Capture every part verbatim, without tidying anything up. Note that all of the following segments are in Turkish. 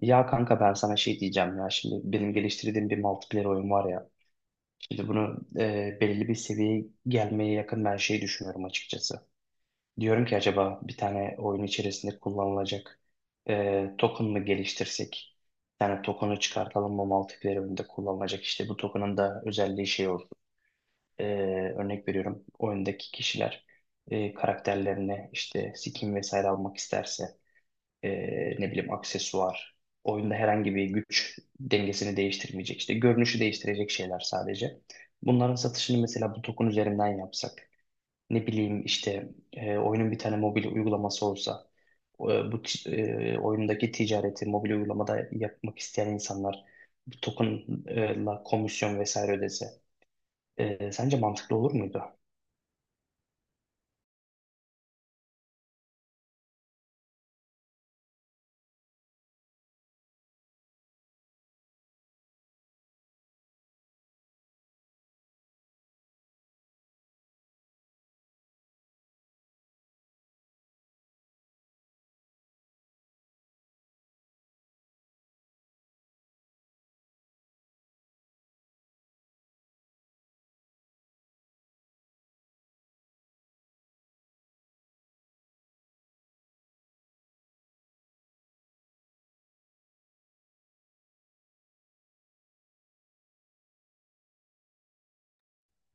Ya kanka ben sana şey diyeceğim ya, şimdi benim geliştirdiğim bir multiplayer oyun var ya, şimdi bunu e, belirli bir seviyeye gelmeye yakın ben şey düşünüyorum açıkçası. Diyorum ki acaba bir tane oyun içerisinde kullanılacak e, token mı geliştirsek? Bir tane token'ı çıkartalım mı multiplayer oyunda kullanılacak? İşte bu token'ın da özelliği şey olsun. E, Örnek veriyorum, oyundaki kişiler e, karakterlerine işte skin vesaire almak isterse e, ne bileyim aksesuar, oyunda herhangi bir güç dengesini değiştirmeyecek, işte görünüşü değiştirecek şeyler sadece. Bunların satışını mesela bu token üzerinden yapsak, ne bileyim işte e, oyunun bir tane mobil uygulaması olsa, e, bu ti- e, oyundaki ticareti mobil uygulamada yapmak isteyen insanlar bu tokenla komisyon vesaire ödese, e, sence mantıklı olur muydu?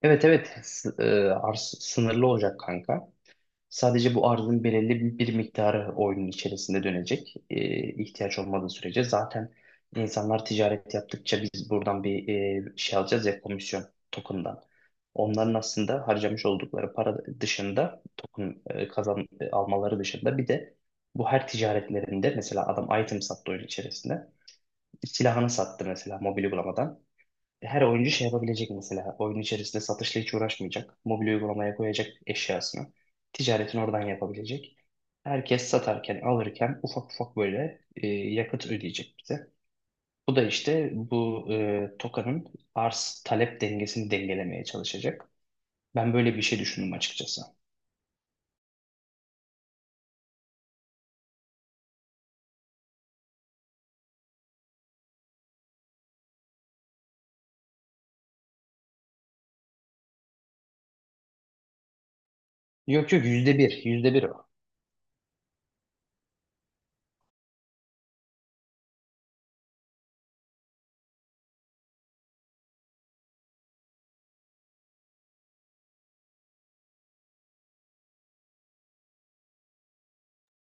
Evet evet, S- e, arz sınırlı olacak kanka. Sadece bu arzın belirli bir miktarı oyunun içerisinde dönecek. Ee, ihtiyaç olmadığı sürece zaten insanlar ticaret yaptıkça biz buradan bir e, şey alacağız ya, komisyon token'dan. Onların aslında harcamış oldukları para dışında token e, kazan e, almaları dışında bir de bu her ticaretlerinde, mesela adam item sattı oyun içerisinde. Silahını sattı mesela, mobil uygulamadan her oyuncu şey yapabilecek mesela. Oyun içerisinde satışla hiç uğraşmayacak. Mobil uygulamaya koyacak eşyasını. Ticaretini oradan yapabilecek. Herkes satarken, alırken ufak ufak böyle e, yakıt ödeyecek bize. Bu da işte bu e, TOKA'nın arz talep dengesini dengelemeye çalışacak. Ben böyle bir şey düşündüm açıkçası. Yok yok, yüzde bir, yüzde bir o.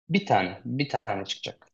Bir tane, bir tane çıkacak.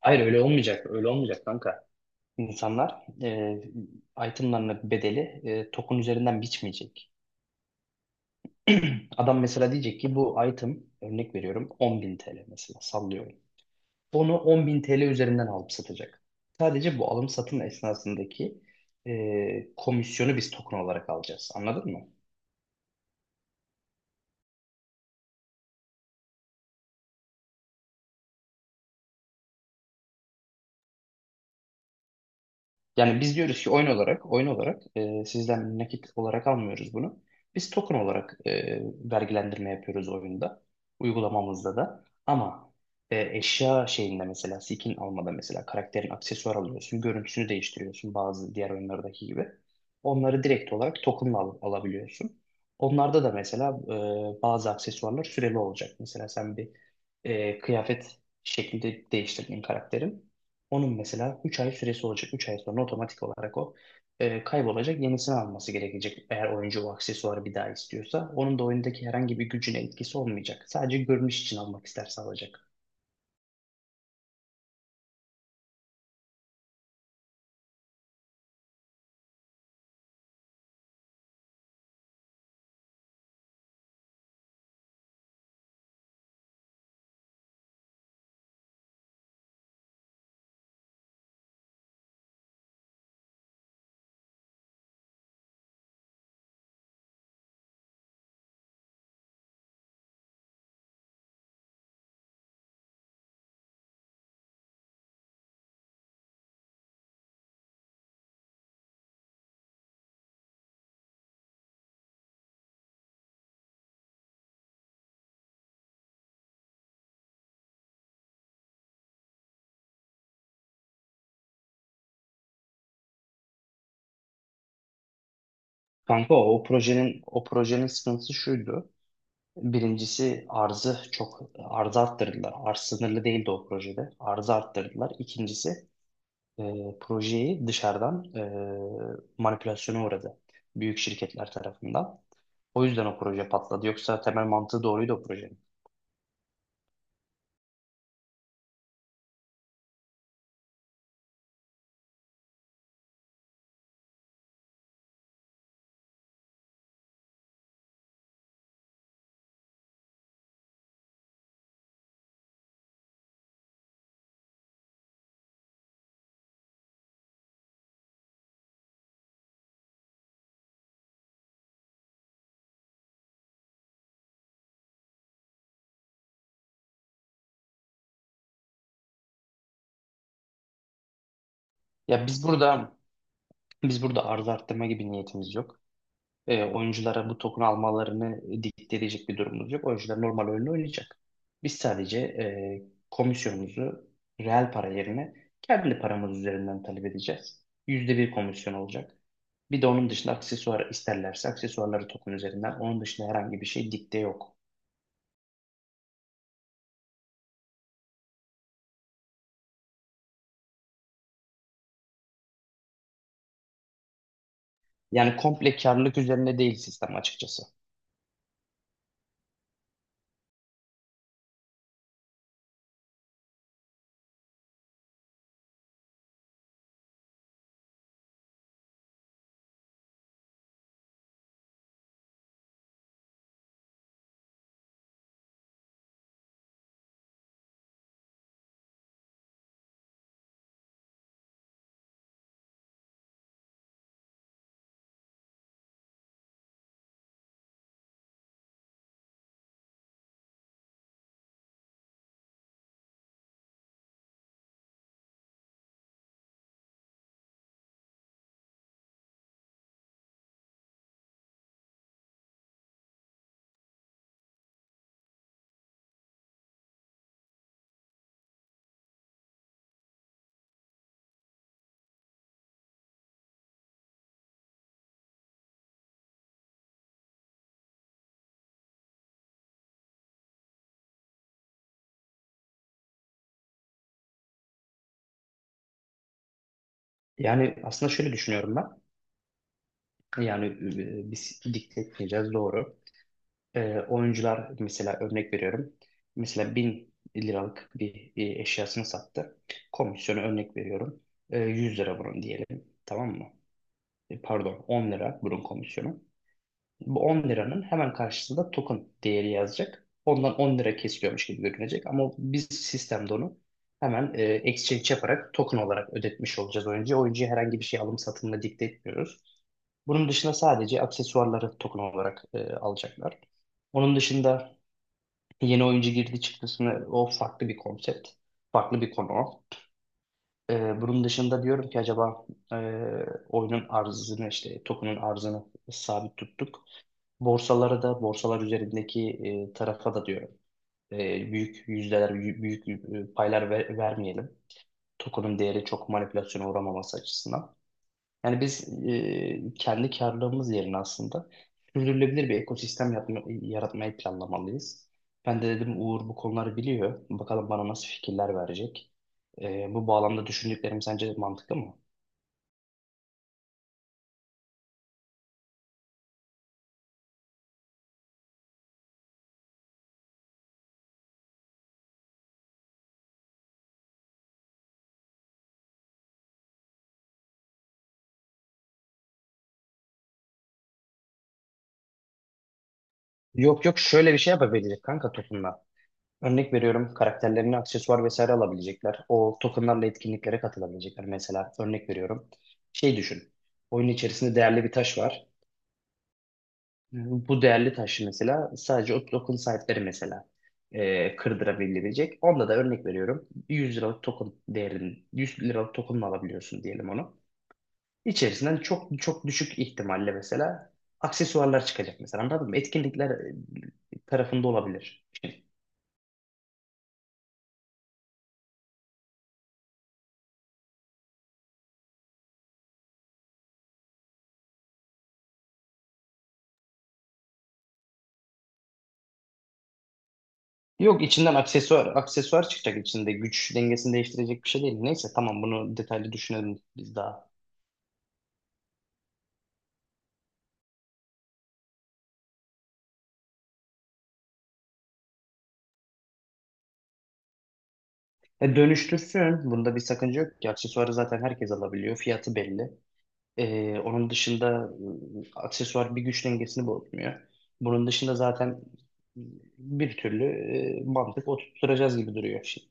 Hayır, öyle olmayacak, öyle olmayacak kanka. İnsanlar e, itemlarının bedeli e, TOK'un üzerinden biçmeyecek. Adam mesela diyecek ki bu item, örnek veriyorum on bin T L mesela, sallıyorum. Onu on bin T L üzerinden alıp satacak. Sadece bu alım satım esnasındaki e, komisyonu biz token olarak alacağız. Anladın mı? Yani biz diyoruz ki oyun olarak, oyun olarak e, sizden nakit olarak almıyoruz bunu. Biz token olarak e, vergilendirme yapıyoruz oyunda, uygulamamızda da. Ama e, eşya şeyinde, mesela skin almada, mesela karakterin aksesuar alıyorsun, görüntüsünü değiştiriyorsun bazı diğer oyunlardaki gibi. Onları direkt olarak tokenla al- alabiliyorsun. Onlarda da mesela e, bazı aksesuarlar süreli olacak. Mesela sen bir e, kıyafet şeklinde değiştirdin karakterin. Onun mesela üç ay süresi olacak. Üç ay sonra otomatik olarak o e, kaybolacak. Yenisini alması gerekecek, eğer oyuncu o aksesuarı bir daha istiyorsa. Onun da oyundaki herhangi bir gücüne etkisi olmayacak. Sadece görünüş için almak isterse alacak. Kanka o, o projenin o projenin sıkıntısı şuydu. Birincisi, arzı çok, arzı arttırdılar. Arz sınırlı değildi o projede. Arzı arttırdılar. İkincisi, e, projeyi dışarıdan e, manipülasyona uğradı, büyük şirketler tarafından. O yüzden o proje patladı. Yoksa temel mantığı doğruydu o projenin. Ya biz burada biz burada arz arttırma gibi niyetimiz yok. E, oyunculara bu token almalarını dikte edecek bir durumumuz yok. Oyuncular normal oyunu oynayacak. Biz sadece e, komisyonumuzu reel para yerine kendi paramız üzerinden talep edeceğiz. Yüzde bir komisyon olacak. Bir de onun dışında, aksesuar isterlerse, aksesuarları token üzerinden. Onun dışında herhangi bir şey dikte yok. Yani komple karlılık üzerine değil sistem, açıkçası. Yani aslında şöyle düşünüyorum ben. Yani e, biz dikte etmeyeceğiz doğru. E, oyuncular mesela, örnek veriyorum. Mesela bin liralık bir e, eşyasını sattı. Komisyonu örnek veriyorum. E, yüz lira bunun diyelim. Tamam mı? E, pardon, on lira bunun komisyonu. Bu on liranın hemen karşısında token değeri yazacak. Ondan on lira kesiliyormuş gibi görünecek. Ama biz sistemde onu hemen e, exchange yaparak token olarak ödetmiş olacağız oyuncuya. Oyuncuya herhangi bir şey alım satımla dikte etmiyoruz. Bunun dışında sadece aksesuarları token olarak e, alacaklar. Onun dışında yeni oyuncu girdi çıktısını, o farklı bir konsept, farklı bir konu. E, bunun dışında diyorum ki, acaba e, oyunun arzını, işte token'ın arzını sabit tuttuk. Borsalara da, borsalar üzerindeki e, tarafa da diyorum, e, büyük yüzdeler, büyük, büyük, e, paylar ver- vermeyelim. Token'ın değeri çok manipülasyona uğramaması açısından. Yani biz e, kendi karlılığımız yerine aslında sürdürülebilir bir ekosistem yapma- yaratmayı planlamalıyız. Ben de dedim Uğur bu konuları biliyor. Bakalım bana nasıl fikirler verecek. E, bu bağlamda düşündüklerim sence mantıklı mı? Yok yok, şöyle bir şey yapabilecek kanka tokenla. Örnek veriyorum, karakterlerine aksesuar vesaire alabilecekler. O tokenlarla etkinliklere katılabilecekler. Mesela örnek veriyorum. Şey düşün, oyun içerisinde değerli bir taş var. Bu değerli taşı mesela sadece o token sahipleri mesela e, kırdırabilecek. Onda da örnek veriyorum, yüz liralık token değerin, yüz liralık token'ını alabiliyorsun diyelim onu. İçerisinden çok çok düşük ihtimalle mesela aksesuarlar çıkacak mesela, anladın mı? Etkinlikler e, tarafında olabilir. Yok, içinden aksesuar aksesuar çıkacak, içinde güç dengesini değiştirecek bir şey değil. Neyse tamam, bunu detaylı düşünelim biz daha. E, dönüştürsün. Bunda bir sakınca yok ki. Aksesuarı zaten herkes alabiliyor. Fiyatı belli. Ee, onun dışında ıı, aksesuar bir güç dengesini bozmuyor. Bunun dışında zaten bir türlü e, mantık oturtturacağız gibi duruyor şimdi.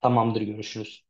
Tamamdır, görüşürüz.